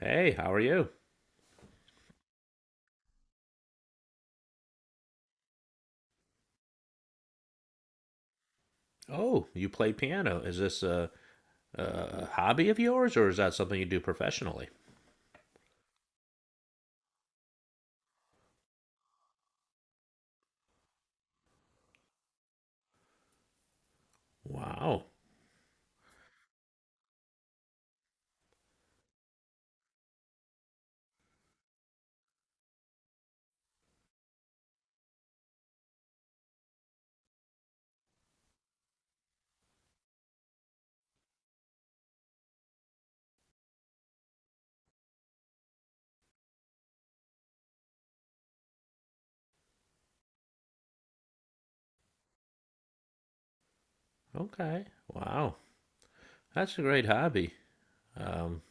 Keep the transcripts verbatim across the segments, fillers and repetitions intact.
Hey, how are you? Oh, you play piano. Is this a, a hobby of yours, or is that something you do professionally? Wow. Okay. Wow. That's a great hobby. Um,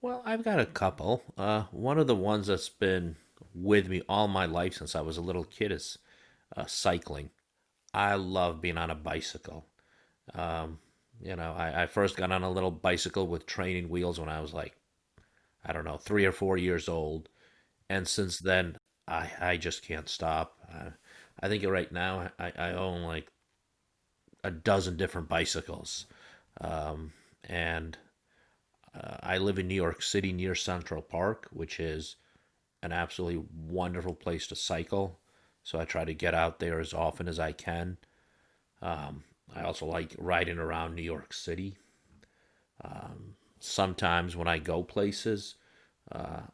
well, I've got a couple. Uh, one of the ones that's been with me all my life since I was a little kid is uh, cycling. I love being on a bicycle. Um, you know, I, I first got on a little bicycle with training wheels when I was like, I don't know, three or four years old. And since then, I I just can't stop. I, I think right now I, I own like a dozen different bicycles, and uh, I live in New York City near Central Park, which is an absolutely wonderful place to cycle. So I try to get out there as often as I can. I also like riding around New York City. Sometimes when I go places,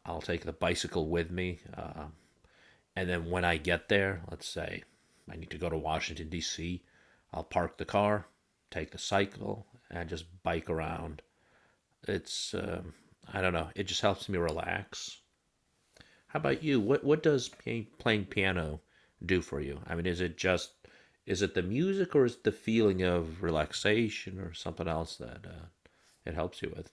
I'll take the bicycle with me. Uh, And then when I get there, let's say I need to go to Washington, D C, I'll park the car, take the cycle, and just bike around. It's, um, I don't know, it just helps me relax. How about you? What, what does playing, playing piano do for you? I mean, is it just, is it the music, or is it the feeling of relaxation or something else that uh, it helps you with?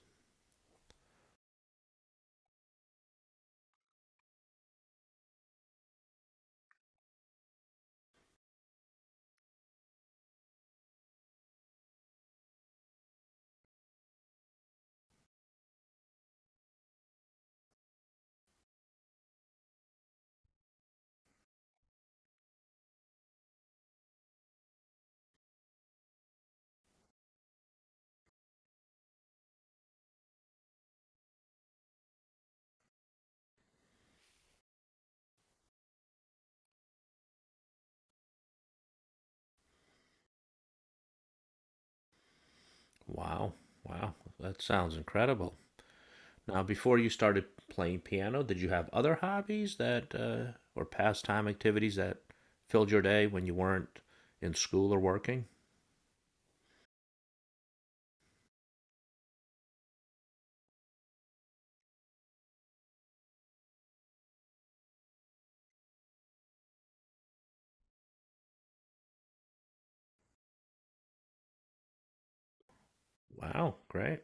Wow, wow, that sounds incredible. Now, before you started playing piano, did you have other hobbies that uh, or pastime activities that filled your day when you weren't in school or working? Wow, great.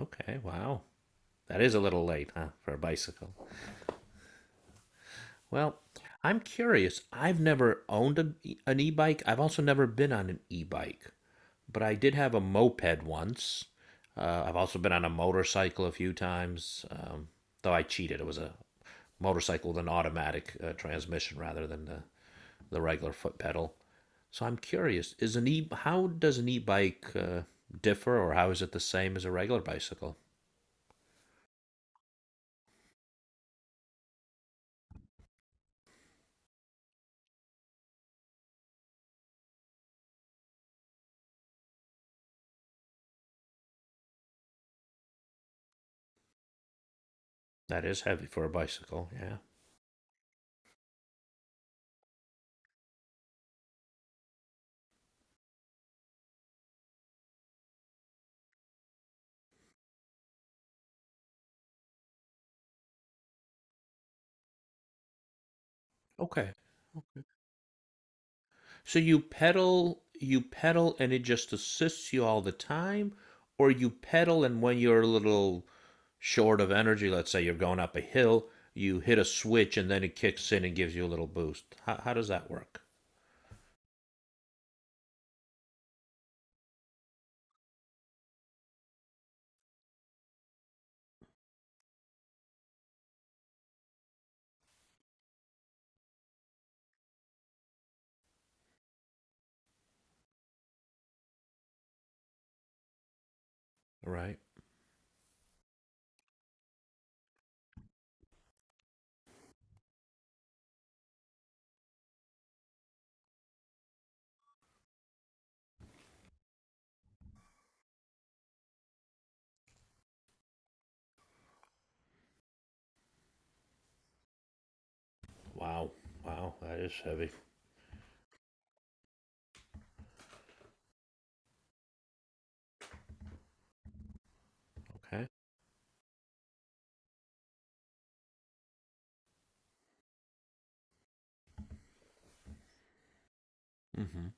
Okay, wow. That is a little late, huh, for a bicycle. Well, I'm curious. I've never owned a, an e-bike. I've also never been on an e-bike, but I did have a moped once. Uh, I've also been on a motorcycle a few times, um, though I cheated. It was a motorcycle with an automatic uh, transmission rather than the the regular foot pedal. So I'm curious: is an e how does an e-bike uh, differ, or how is it the same as a regular bicycle? That is heavy for a bicycle. Yeah. Okay. So you pedal, you pedal, and it just assists you all the time, or you pedal, and when you're a little short of energy, let's say you're going up a hill, you hit a switch, and then it kicks in and gives you a little boost. How how does that work? All right. Wow. Wow. That is heavy. Okay. Mm-hmm.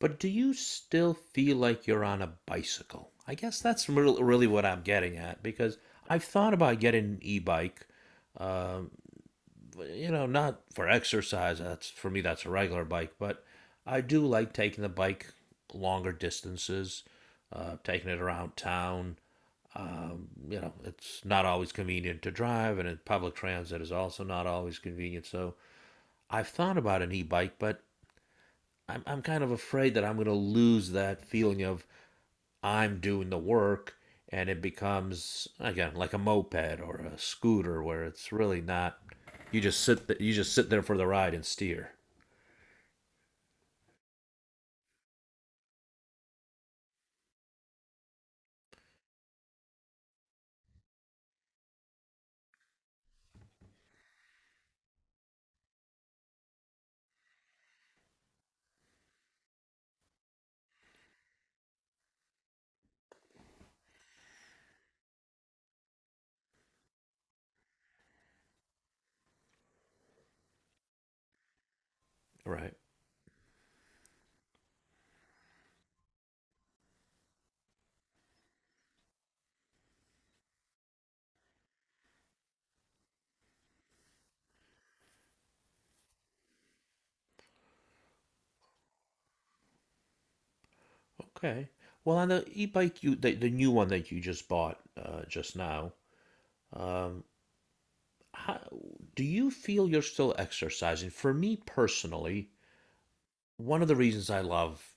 But do you still feel like you're on a bicycle? I guess that's real really what I'm getting at, because I've thought about getting an e-bike. Um, you know, Not for exercise. That's for me. That's a regular bike, but I do like taking the bike longer distances, uh, taking it around town. Um, you know, it's not always convenient to drive, and in public transit is also not always convenient. So I've thought about an e-bike, but I'm I'm kind of afraid that I'm going to lose that feeling of I'm doing the work, and it becomes again like a moped or a scooter where it's really not you just sit th- you just sit there for the ride and steer right. Okay, well, on the e-bike, you the, the new one that you just bought uh, just now, um how, do you feel you're still exercising? For me personally, one of the reasons I love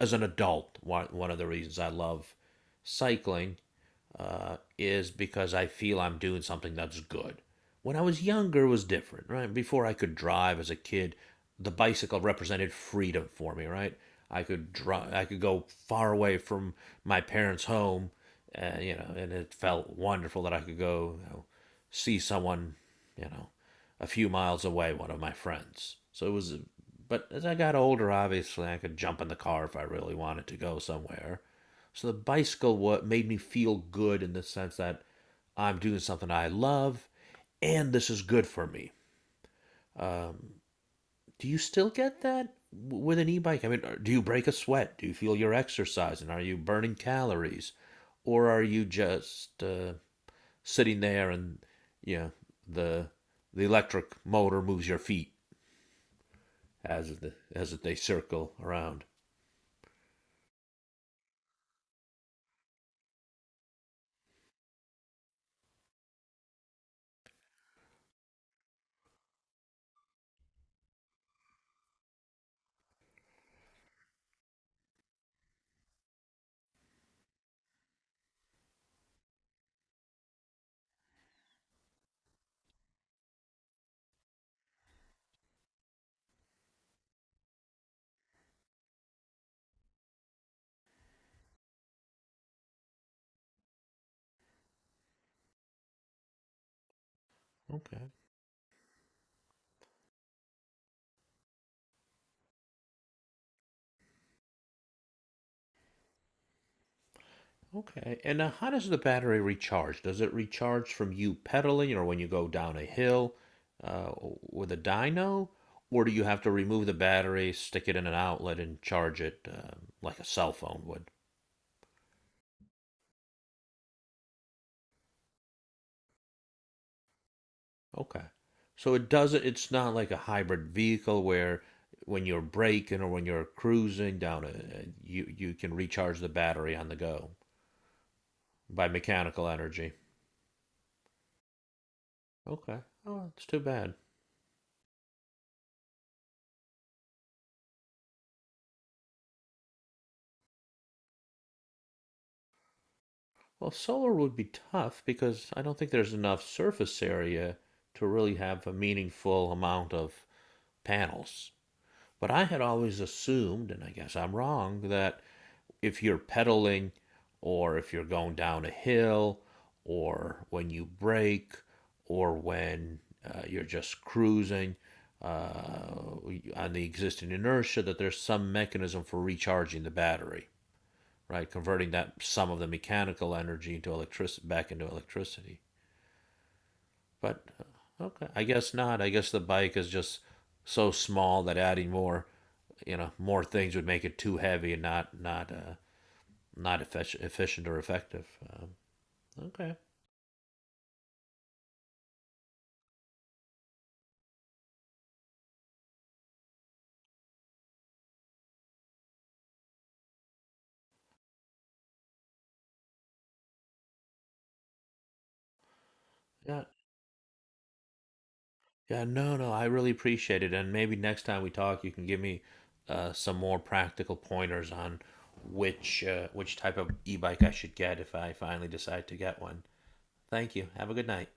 as an adult, one, one of the reasons I love cycling uh, is because I feel I'm doing something that's good. When I was younger, it was different, right? Before I could drive as a kid, the bicycle represented freedom for me, right? I could drive, I could go far away from my parents' home, and you know, and it felt wonderful that I could go, you know, see someone, you know, a few miles away, one of my friends. So it was, but as I got older, obviously, I could jump in the car if I really wanted to go somewhere. So the bicycle what made me feel good in the sense that I'm doing something I love, and this is good for me. Um, do you still get that with an e-bike? I mean, do you break a sweat? Do you feel you're exercising? Are you burning calories, or are you just uh, sitting there and you know the the electric motor moves your feet as the, as they circle around? Okay. Okay. And uh, how does the battery recharge? Does it recharge from you pedaling, or when you go down a hill uh, with a dyno? Or do you have to remove the battery, stick it in an outlet, and charge it um, like a cell phone would? Okay. So it doesn't, it's not like a hybrid vehicle where when you're braking or when you're cruising down, a, you, you can recharge the battery on the go by mechanical energy. Okay. Oh, it's too bad. Well, solar would be tough because I don't think there's enough surface area to really have a meaningful amount of panels. But I had always assumed, and I guess I'm wrong, that if you're pedaling or if you're going down a hill or when you brake or when uh, you're just cruising uh, on the existing inertia, that there's some mechanism for recharging the battery, right? Converting that some of the mechanical energy into electricity back into electricity. But uh, okay, I guess not. I guess the bike is just so small that adding more, you know, more things would make it too heavy and not not uh, not efficient, efficient or effective. Um, okay, yeah, yeah, no, no, I really appreciate it, and maybe next time we talk, you can give me uh, some more practical pointers on which uh, which type of e-bike I should get if I finally decide to get one. Thank you. Have a good night.